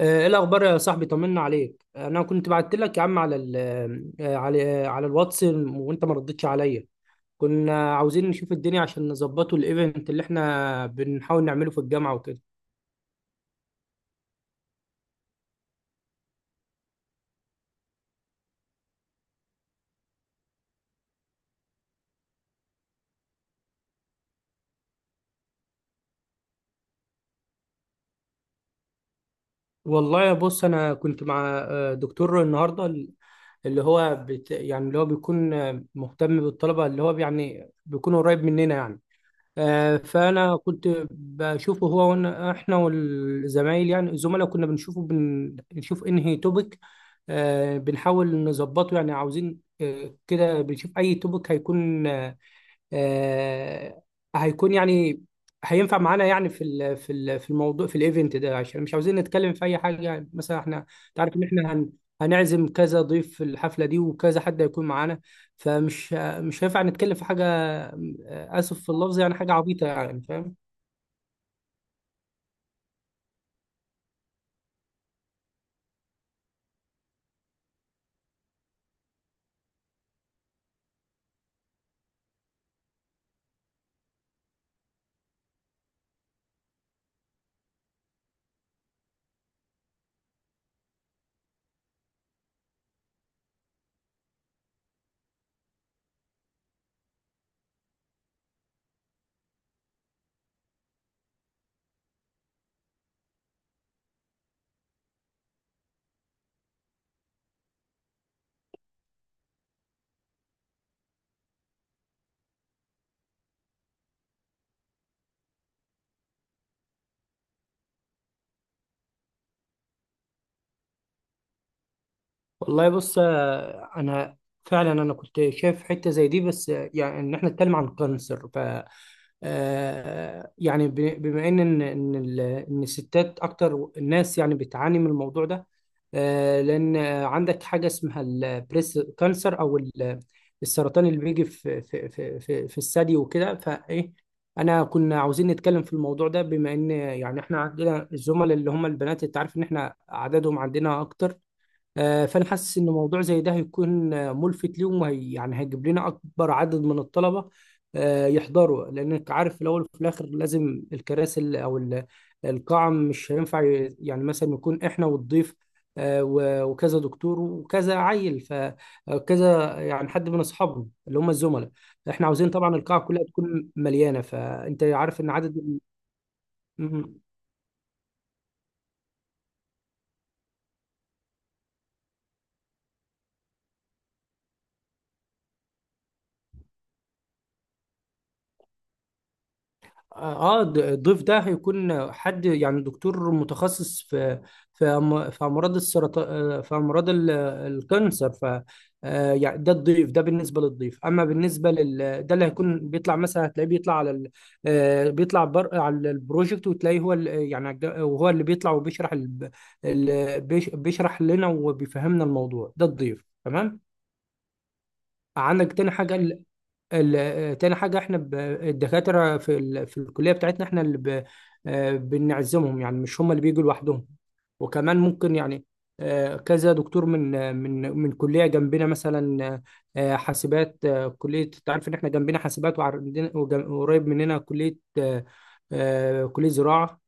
ايه الاخبار يا صاحبي؟ طمنا عليك. انا كنت بعت لك يا عم على ال آه، على آه، على الواتس وانت ما ردتش عليا. كنا عاوزين نشوف الدنيا عشان نظبطه الايفنت اللي احنا بنحاول نعمله في الجامعه وكده. والله يا بص، انا كنت مع دكتور النهارده، اللي هو يعني اللي هو بيكون مهتم بالطلبه، اللي هو يعني بيكون قريب مننا يعني. فانا كنت بشوفه هو وانا احنا والزمايل، يعني الزملاء كنا بنشوفه، بنشوف انهي توبيك، بنحاول نظبطه. يعني عاوزين كده بنشوف اي توبيك هيكون آه، هيكون يعني هينفع معانا يعني في في الموضوع في الايفنت ده، عشان مش عاوزين نتكلم في اي حاجه. يعني مثلا احنا تعرف ان احنا هنعزم كذا ضيف في الحفله دي وكذا حد هيكون معانا، فمش مش هينفع نتكلم في حاجه، اسف في اللفظ، يعني حاجه عبيطه، يعني فاهم. والله بص، انا فعلا انا كنت شايف حته زي دي، بس يعني ان احنا نتكلم عن الكانسر. ف آه، يعني ب- بما ان إن الستات اكتر الناس يعني بتعاني من الموضوع ده، لان عندك حاجه اسمها البريس كانسر، او السرطان اللي بيجي في الثدي وكده. فايه، انا كنا عاوزين نتكلم في الموضوع ده، بما ان يعني احنا عندنا الزملاء اللي هم البنات، انت عارف ان احنا عددهم عندنا اكتر. فانا حاسس ان موضوع زي ده هيكون ملفت ليهم، وهي يعني هيجيب لنا اكبر عدد من الطلبه يحضروا. لانك عارف في الاول وفي الاخر لازم الكراسي القاعه مش هينفع يعني مثلا يكون احنا والضيف وكذا دكتور وكذا عيل، فكذا يعني حد من اصحابنا اللي هم الزملاء. احنا عاوزين طبعا القاعه كلها تكون مليانه، فانت عارف ان عدد. اه الضيف ده هيكون حد يعني دكتور متخصص في في امراض السرطان، في امراض الكانسر. ف يعني ده الضيف، ده بالنسبه للضيف. اما بالنسبه لل ده، اللي هيكون بيطلع، مثلا هتلاقيه بيطلع على ال... آه، بيطلع بر... على البروجكت، وتلاقيه هو وهو اللي بيطلع وبيشرح بيشرح لنا وبيفهمنا الموضوع ده، الضيف تمام. عندك تاني تاني حاجة، احنا الدكاترة في في الكلية بتاعتنا احنا اللي ب... آه، بنعزمهم، يعني مش هم اللي بيجوا لوحدهم. وكمان ممكن يعني كذا دكتور من من كلية جنبنا، مثلا حاسبات، كلية، انت عارف ان احنا جنبنا حاسبات، وعندنا وقريب مننا كلية كلية زراعة،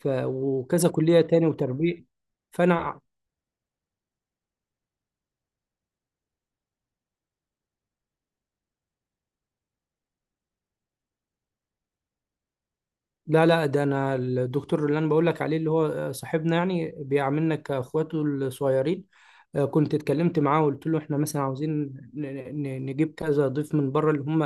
ف... وكذا كلية تاني وتربية. فانا لا لا، ده انا الدكتور اللي انا بقول لك عليه، اللي هو صاحبنا، يعني بيعاملنا كاخواته الصغيرين. كنت اتكلمت معاه وقلت له احنا مثلا عاوزين نجيب كذا ضيف من بره، اللي هم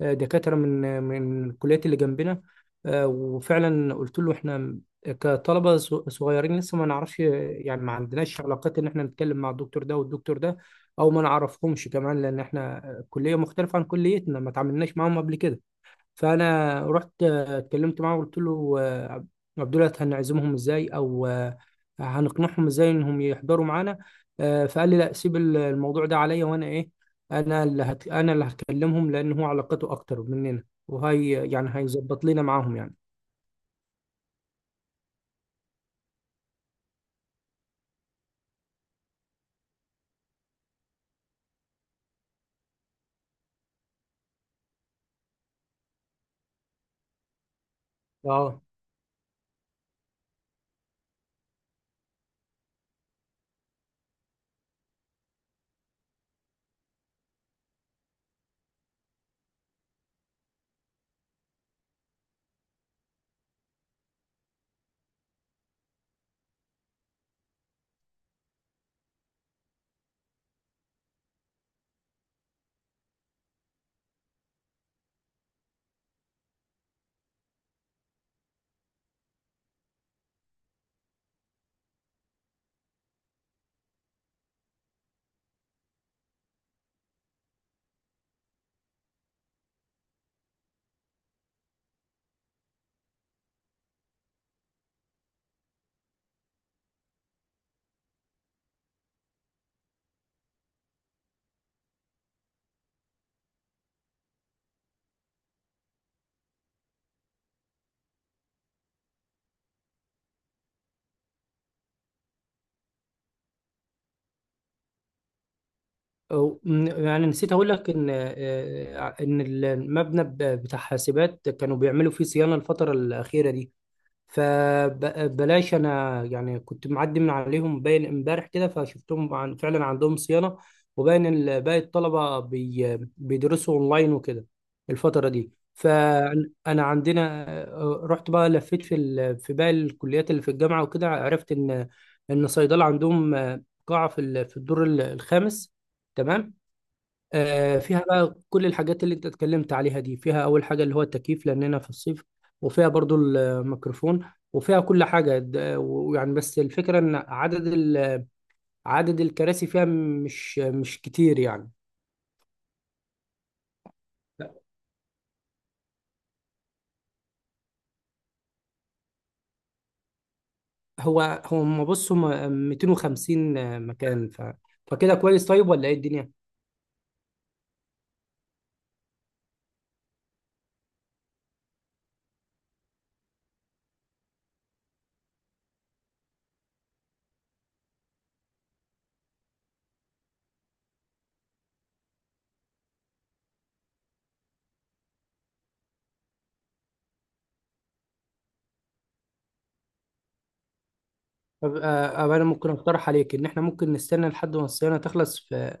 دكاتره من الكليات اللي جنبنا. وفعلا قلت له احنا كطلبه صغيرين لسه، ما نعرفش يعني، ما عندناش علاقات ان احنا نتكلم مع الدكتور ده والدكتور ده، او ما نعرفهم كمان، لان احنا كليه مختلفه عن كليتنا، ما تعاملناش معاهم قبل كده. فانا رحت اتكلمت معاه وقلت له عبد الله، هنعزمهم ازاي، او هنقنعهم ازاي انهم يحضروا معانا. فقال لي لا، سيب الموضوع ده عليا، وانا ايه، انا انا اللي هكلمهم، لان هو علاقته اكتر مننا، وهي يعني هيظبط لنا معاهم يعني. اه يعني نسيت اقول لك ان ان المبنى بتاع حاسبات كانوا بيعملوا فيه صيانة الفترة الأخيرة دي، فبلاش. انا يعني كنت معدي من عليهم باين امبارح كده، فشفتهم عن فعلا عندهم صيانه، وباين باقي الطلبه بيدرسوا اونلاين وكده الفتره دي. فانا عندنا رحت بقى لفيت في في باقي الكليات اللي في الجامعه وكده، عرفت ان ان صيدله عندهم قاعه في الدور الخامس، تمام. فيها بقى كل الحاجات اللي انت اتكلمت عليها دي، فيها اول حاجة اللي هو التكييف لاننا في الصيف، وفيها برضو الميكروفون، وفيها كل حاجة. ويعني بس الفكرة ان عدد الكراسي فيها مش كتير يعني. هو هو ما بص، هم 250 مكان. ف فكده كويس، طيب، ولا ايه الدنيا؟ طب أبقى انا ممكن اقترح عليك ان احنا ممكن نستنى لحد ما الصيانة تخلص في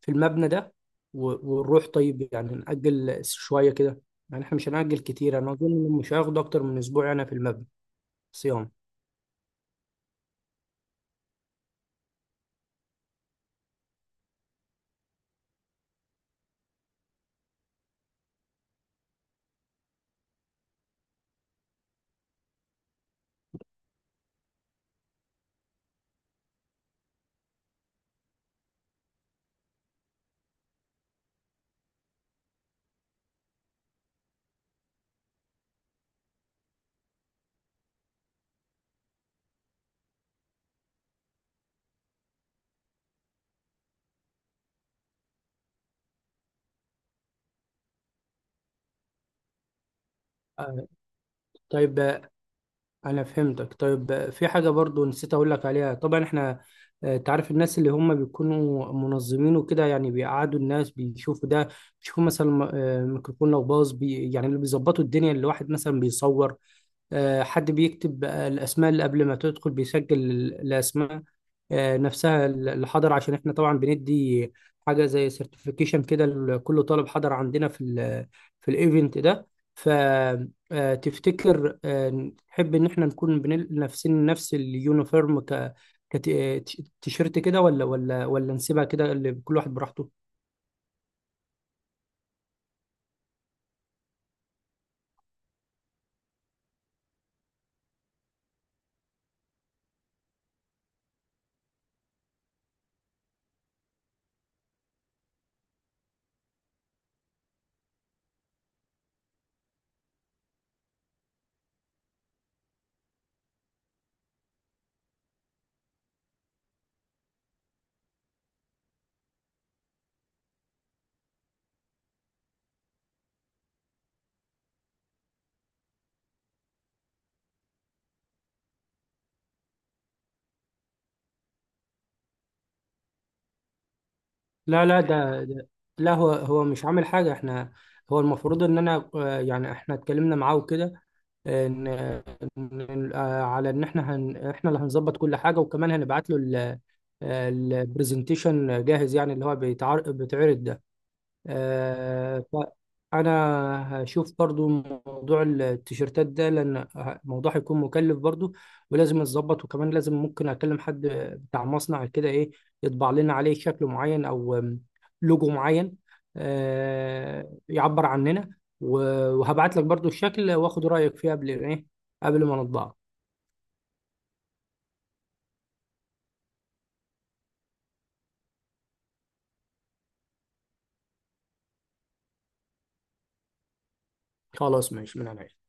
في المبنى ده ونروح. طيب يعني نأجل شوية كده، يعني احنا مش هنأجل كتير، انا اظن إنه مش هياخد اكتر من اسبوع انا في المبنى صيام. آه، طيب انا فهمتك. طيب في حاجة برضو نسيت اقول لك عليها، طبعا احنا تعرف الناس اللي هم بيكونوا منظمين وكده، يعني بيقعدوا الناس بيشوفوا ده، بيشوفوا مثلا ميكروفون لو باظ، يعني اللي بيظبطوا الدنيا، اللي واحد مثلا بيصور، حد بيكتب الأسماء اللي قبل ما تدخل بيسجل الأسماء نفسها اللي حضر، عشان احنا طبعا بندي حاجة زي سيرتيفيكيشن كده لكل طالب حضر عندنا في ال في الايفنت ده. فتفتكر تحب ان احنا نكون لابسين نفس اليونيفورم، كتيشيرت كده، ولا نسيبها كده اللي كل واحد براحته. لا لا ده, ده لا، هو هو مش عامل حاجة احنا، هو المفروض ان انا يعني احنا اتكلمنا معاه وكده ان على ان احنا احنا اللي هنظبط كل حاجة، وكمان هنبعت له البرزنتيشن جاهز، يعني اللي هو بيتعرض ده. آه، فأنا هشوف برضو موضوع التيشيرتات ده، لأن الموضوع هيكون مكلف برضو ولازم أتظبط، وكمان لازم ممكن أكلم حد بتاع مصنع كده، إيه، يطبع لنا عليه شكل معين، أو لوجو معين يعبر عننا. وهبعت لك برضو الشكل وآخد رأيك فيه قبل إيه، قبل ما نطبعه. خلاص ماشي من عينيا.